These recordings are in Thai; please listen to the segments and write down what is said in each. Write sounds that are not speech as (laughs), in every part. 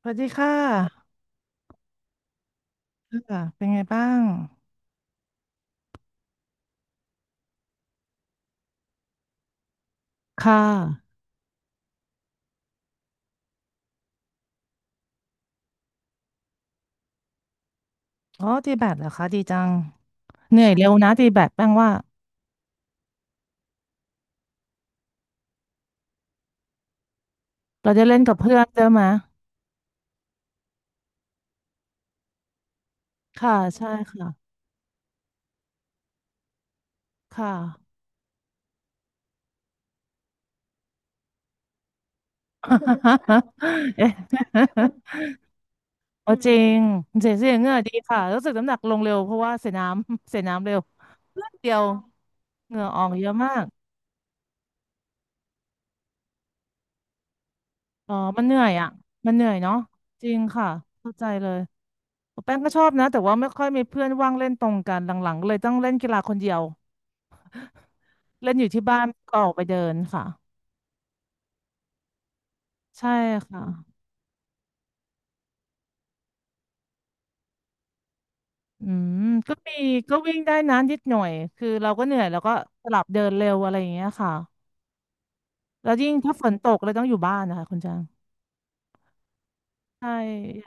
สวัสดีค่ะค่ะเป็นไงบ้างค่ะอ๋อตีแบดเหรอคะดีจังเหนื่อยเร็วนะตีแบดแป้งว่าเราจะเล่นกับเพื่อนใช่ไหมค่ะใช่ค่ะค่ะ (laughs) เอ๊ะ (laughs) เอาจริงเสียเหงื่อดีค่ะรู้สึกน้ำหนักลงเร็วเพราะว่าเสียน้ำ (laughs) เสียน้ำเร็วเพื่อนเดียวเหงื่อออกเยอะมาก อ๋อมันเหนื่อยอ่ะมันเหนื่อยเนาะจริงค่ะเข้าใจเลยแป้งก็ชอบนะ แต่ว่าไม่ค่อยมีเพื่อนว่างเล่นตรงกันหลังๆเลยต้องเล่นกีฬาคนเดียวเล่นอยู่ที่บ้านก็ออกไปเดินค่ะ ใช่ค่ะอืมก็มีก็วิ่งได้นะนิดหน่อย คือเราก็เหนื่อย แล้วก็สลับเดินเร็วอะไรอย่างเงี้ยค่ะ แล้วยิ่งถ้าฝนตกเลยต้องอยู่บ้านนะคะคุณจาง ใช่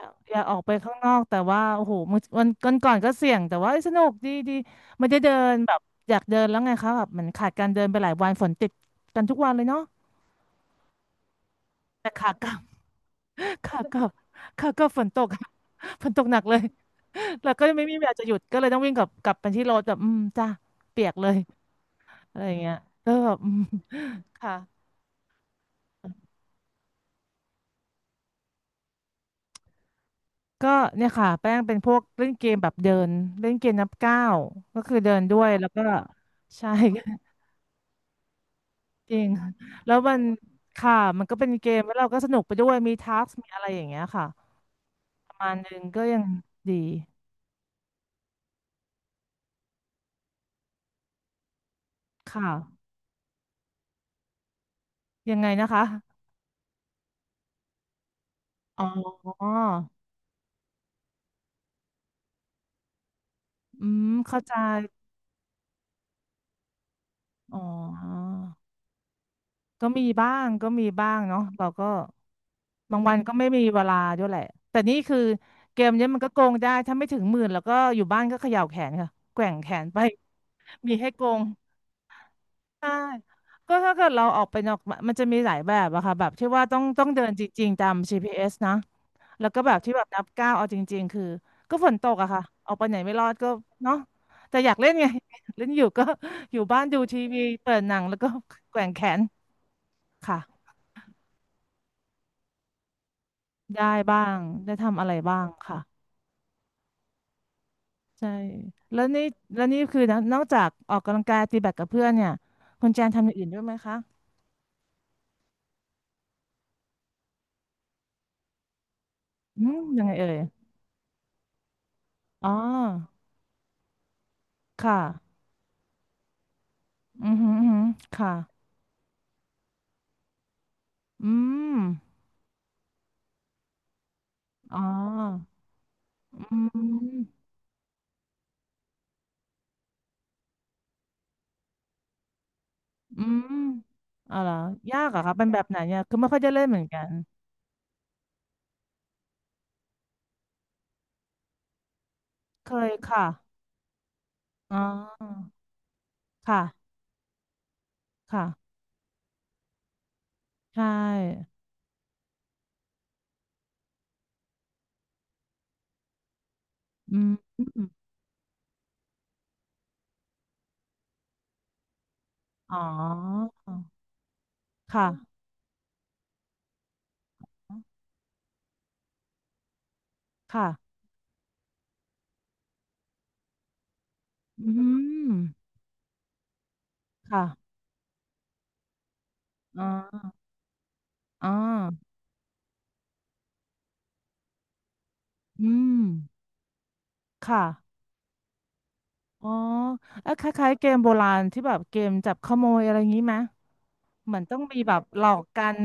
อยากอยากออกไปข้างนอกแต่ว่าโอ้โหมอวันก่อนก็เสี่ยงแต่ว่าเอ้ยสนุกดีดีไม่ได้เดินแบบอยากเดินแล้วไงคะแบบเหมือนขาดการเดินไปหลายวันฝนติดกันทุกวันเลยเนาะแต่ขากลับ (laughs) ขากลับขากลับฝนตก (laughs) ฝนตกหนักเลย (laughs) แล้วก็ไม่มีเวลาจะหยุดก็เลยต้องวิ่งกลับไปที่รถแบบอืมจ้าเปียกเลยอะไรอย่างเงี้ยก็แบบอืม (laughs) ค่ะก็เนี่ยค่ะแป้งเป็นพวกเล่นเกมแบบเดินเล่นเกมนับก้าวก็คือเดินด้วยแล้วก็ใช่ จริงค่ะแล้วมันค่ะมันก็เป็นเกมแล้วเราก็สนุกไปด้วยมีทักมีอะไรอย่างเงี้ยค่ะประมาณนึงก็ยังดีค่ะยังไงนะคะอ๋ออืมเข้าใจอ๋อก็มีบ้างก็มีบ้างเนาะเราก็บางวันก็ไม่มีเวลาด้วยแหละแต่นี่คือเกมเนี้ยมันก็โกงได้ถ้าไม่ถึงหมื่นแล้วก็อยู่บ้านก็เขย่าแขนค่ะแกว่งแขนไปมีให้โกง ใช่ก็ถ้าเกิดเราออกไปนอกมันจะมีหลายแบบอะค่ะแบบที่ว่าต้องเดินจริงๆตาม GPS นะแล้วก็แบบที่แบบนับก้าวเอาจริงๆคือก็ฝนตกอะค่ะออกไปไหนไม่รอดก็เนาะแต่อยากเล่นไง (laughs) เล่นอยู่ก็ (laughs) อยู่บ้านดูทีวีเปิดหนังแล้วก็ (laughs) แกว่งแขนค่ะได้บ้างได้ทำอะไรบ้างค่ะใช่แล้วนี่แล้วนี่คือนะนอกจากออกกำลังกายตีแบดกับเพื่อนเนี่ยคุณแจนทำอย่างอื่นด้วยไหมคะอืมยังไงเอ่ยอ๋อค่ะ อือหืออือหือค่ะอืมอ๋ออืมอืมอ๋อเหรอยากเหรอะคะเป็นแบบไหนเนี่ยคือไม่ค่อยจะเล่นเหมือนกันเคยค่ะอ๋อค่ะค่ะใช่อืมอ๋อค่ะค่ะอืมค่ะอ๋ออ๋ออืมค่ะอ๋อเอ้ยคล้ายๆเกมโบราณที่แบบเกมจับขโมยอะไรอย่างนี้ไหมเหมือนต้องมีแบบหลอกกัน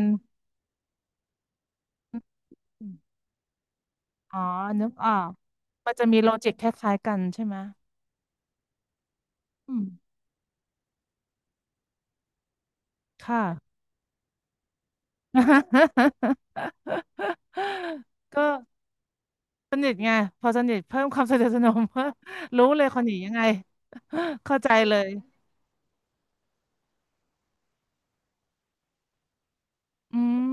อ๋อนึกออกมันจะมีโลจิกคล้ายๆกันใช่ไหมอืมค่ะ (laughs) ก็สนิทไงพอสนิทเพิ่มความสนิทสนม (laughs) รู้เลยคนหนียังไง (laughs) เข้าใจเลยอืม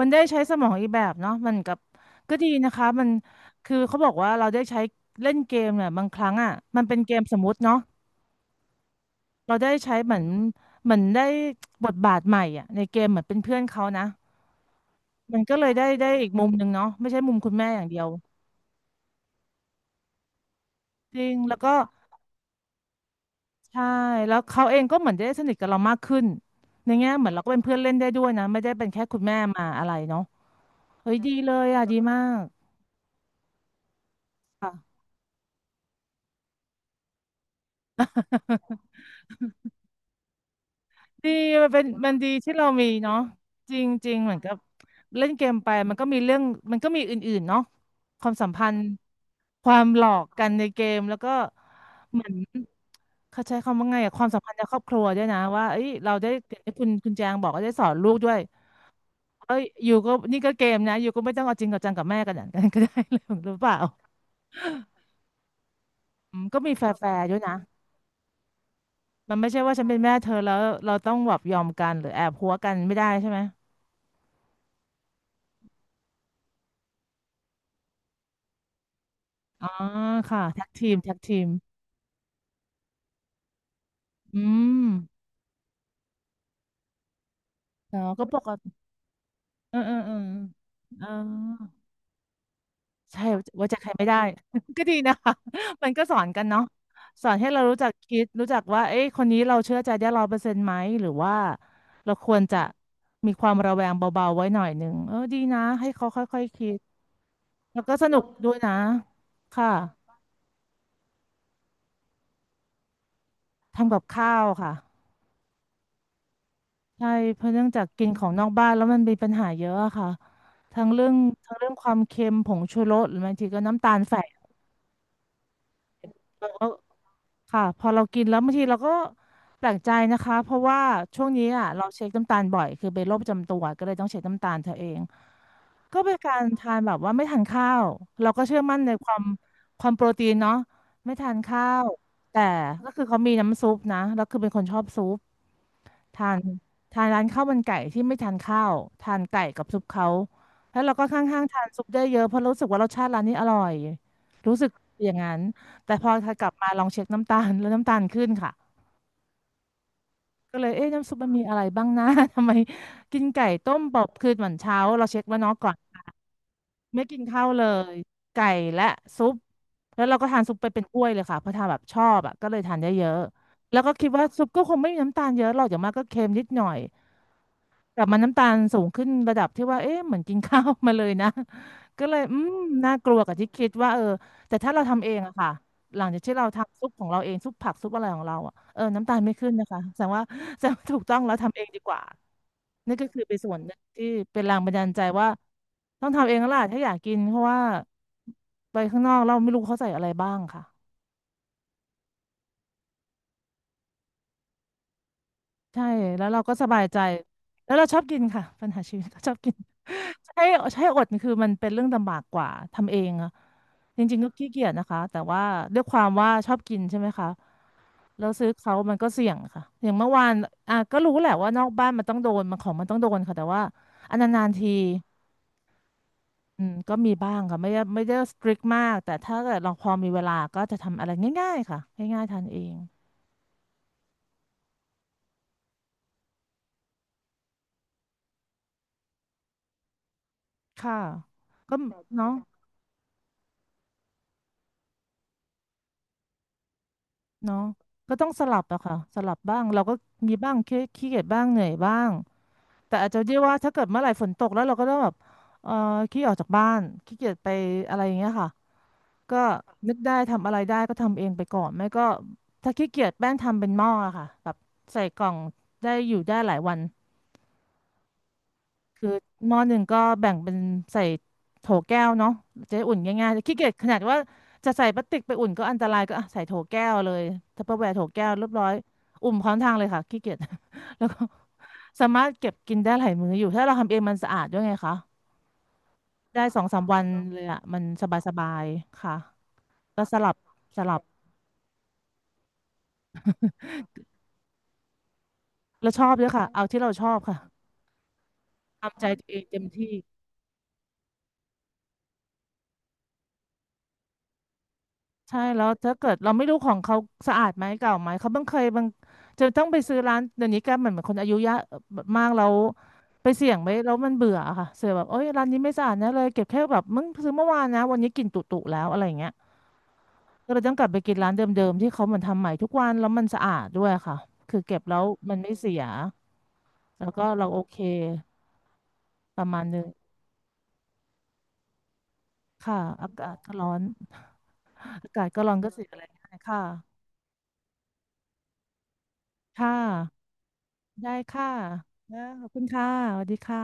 มันได้ใช้สมองอีกแบบเนาะมันกับก็ดีนะคะมันคือเขาบอกว่าเราได้ใช้เล่นเกมเนี่ยบางครั้งอ่ะมันเป็นเกมสมมุติเนาะเราได้ใช้เหมือนเหมือนได้บทบาทใหม่อ่ะในเกมเหมือนเป็นเพื่อนเขานะ มันก็เลยได้อีกมุมหนึ่งเนาะไม่ใช่มุมคุณแม่อย่างเดียวจริงแล้วก็ใช่แล้วเขาเองก็เหมือนได้สนิทกับเรามากขึ้นในแง่เหมือนเราก็เป็นเพื่อนเล่นได้ด้วยนะไม่ได้เป็นแค่คุณแม่มาอะไรเนาะเฮ้ยดีเลยอ่ะดีมากค่ะ (laughs) ดีมันเป็นมันดีที่เรามีเนาะจริงจริงเหมือนกับเล่นเกมไปมันก็มีเรื่องมันก็มีอื่นๆเนาะความสัมพันธ์ความหลอกกันในเกมแล้วก็เหมือน เขาใช้คำว่าไงอะความสัมพันธ์ในครอบครัวด้วยนะว่าเอ้ยเราได้อย่างที่คุณแจงบอกก็าได้สอนลูกด้วยเอ้ยอยู่ก็นี่ก็เกมนะอยู่ก็ไม่ต้องเอาจริงกับจังกับแม่กันอย่าง (laughs) นั้นก็ได้เลยหรือเปล่าอืมก็มีแฟร์ๆด้วยนะมันไม่ใช่ว่าฉันเป็นแม่เธอแล้วเราต้องแบบยอมกันหรือแอบหัวกันไม่ได้ใช่ไหมอ๋อค่ะแท็กทีมแท็กทีมอืมอ๋อก็ปกติเออเออเออเออ ใช่ไว่าจะใครไม่ได้ (laughs) ก็ดีนะคะ (laughs) มันก็สอนกันเนาะสอนให้เรารู้จักคิดรู้จักว่าเอ๊ะคนนี้เราเชื่อใจได้100%ไหมหรือว่าเราควรจะมีความระแวงเบาๆไว้หน่อยหนึ่งเออดีนะให้เขาค่อยๆคิดแล้วก็สนุกด้วยนะค่ะทำกับข้าวค่ะใช่เพราะเนื่องจากกินของนอกบ้านแล้วมันมีปัญหาเยอะอะค่ะทั้งเรื่องทั้งเรื่องความเค็มผงชูรสหรือบางทีก็น้ำตาลแฝงเราก็ ค่ะพอเรากินแล้วบางทีเราก็แปลกใจนะคะเพราะว่าช่วงนี้อ่ะเราเช็คน้ำตาลบ่อยคือเป็นโรคประจำตัวก็เลยต้องเช็คน้ำตาลเธอเองก็เป็นการทานแบบว่าไม่ทานข้าวเราก็เชื่อมั่นในความความโปรตีนเนาะไม่ทานข้าวแต่ก็คือเขามีน้ำซุปนะแล้วคือเป็นคนชอบซุป ทานทานร้านข้าวมันไก่ที่ไม่ทานข้าวทานไก่กับซุปเขาแล้วเราก็ข้างๆทานซุปได้เยอะเพราะรู้สึกว่ารสชาติร้านนี้อร่อยรู้สึกอย่างนั้นแต่พอถ้ากลับมาลองเช็คน้ำตาลแล้วน้ำตาลขึ้นค่ะก็เลยเอ๊ะน้ำซุปมันมีอะไรบ้างนะ (laughs) ทำไมกินไก่ต้มบอบคืนเหมือนเช้าเราเช็คแล้วเนาะก่อนไม่กินข้าวเลยไก่และซุปแล้วเราก็ทานซุปไปเป็นถ้วยเลยค่ะเพราะทานแบบชอบอ่ะก็เลยทานได้เยอะแล้วก็คิดว่าซุปก็คงไม่มีน้ำตาลเยอะหรอกอย่างมากก็เค็มนิดหน่อย กลับมาน้ำตาลสูงขึ้นระดับที่ว่าเอ๊ะเหมือนกินข้าว (laughs) มาเลยนะ (laughs) ก็เลยอืมน่ากลัวกับที่คิดว่าเออแต่ถ้าเราทำเองอะค่ะหลังจากที่เราทำซุปของเราเองซุปผักซุปอะไรของเราอะเออน้ำตาลไม่ขึ้นนะคะแสดงว่า (laughs) แสดงว่าถูกต้องแล้วทำเองดีกว่านี่ก็คือเป็นส่วนหนึ่งที่เป็นแรงบันดาลใจว่าต้องทำเองแล้วล่ะถ้าอยากกินเพราะว่าไปข้างนอกเราไม่รู้เขาใส่อะไรบ้างค่ะ ใช่แล้วเราก็สบายใจแล้วเราชอบกินค่ะปัญหาชีวิต (laughs) ก็ชอบกิน (laughs) ใช่ใช่อดนี่คือมันเป็นเรื่องลำบากกว่าทำเองอะจริงๆก็ขี้เกียจนะคะแต่ว่าด้วยความว่าชอบกินใช่ไหมคะแล้วซื้อเขามันก็เสี่ยงค่ะอย่างเมื่อวานอ่ะก็รู้แหละว่านอกบ้านมันต้องโดนมันของมันต้องโดนค่ะแต่ว่าอันนานๆทีอืมก็มีบ้างค่ะไม่ได้สตริกมากแต่ถ้าเกิดเราพอมีเวลาก็จะทำอะไรง่ายๆค่ะง่ายๆทานเองค่ะก็เนาะ เนาะก็ต้องสลับอะค่ะสลับบ้างเราก็มีบ้างขี้เกียจบ้างเหนื่อยบ้างแต่อาจจะเรียกว่าถ้าเกิดเมื่อไหร่ฝนตกแล้วเราก็ต้องแบบเอ่อขี้ออกจากบ้านขี้เกียจไปอะไรอย่างเงี้ยค่ะก็นึกได้ทำอะไรได้ก็ทำเองไปก่อนไม่ก็ถ้าขี้เกียจแป้งทำเป็นหม้ออะค่ะแบบใส่กล่องได้อยู่ได้หลายวัน คือหม้อหนึ่งก็แบ่งเป็นใส่โถแก้วเนาะจะได้อุ่นง่ายๆแต่ขี้เกียจขนาดว่าจะใส่พลาสติกไปอุ่นก็อันตรายก็ (laughs) อ่ะใส่โถแก้วเลยทัปเปอร์แวร์โถแก้วเรียบร้อยอุ่มพร้อมทางเลยค่ะขี้เกียจ (laughs) แล้วก็สามารถเก็บกินได้หลายมื้ออยู่ถ้าเราทำเองมันสะอาดด้วยไงคะได้2-3 วันเลยอ่ะมันสบายๆค่ะก็สลับเราชอบด้วยค่ะเอาที่เราชอบค่ะทำใจตัวเองเต็มที่ ใช่แล้วถ้าเกิดเราไม่รู้ของเขาสะอาดไหมเก่าไหมเขาบางเคยบางจะต้องไปซื้อร้านเดี๋ยวนี้แกเหมือนเหมือนคนอายุเยอะมากแล้วไปเสี่ยงไปแล้วมันเบื่ออะค่ะเสียแบบโอ๊ยร้านนี้ไม่สะอาดนะเลยเก็บแค่แบบมึงซื้อเมื่อวานนะวันนี้กลิ่นตุๆแล้วอะไรอย่างเงี้ยก็เลยต้องกลับไปกินร้านเดิมๆที่เขาเหมือนทำใหม่ทุกวันแล้วมันสะอาดด้วยค่ะคือเก็บแล้วมันไม่เสียแล้วก็เราโอเคประมาณนึงค่ะอากาศก็ร้อนอากาศก็ร้อนก็เสียอะไรง่ายค่ะค่ะ ได้ค่ะนะขอบคุณค่ะ สวัสดีค่ะ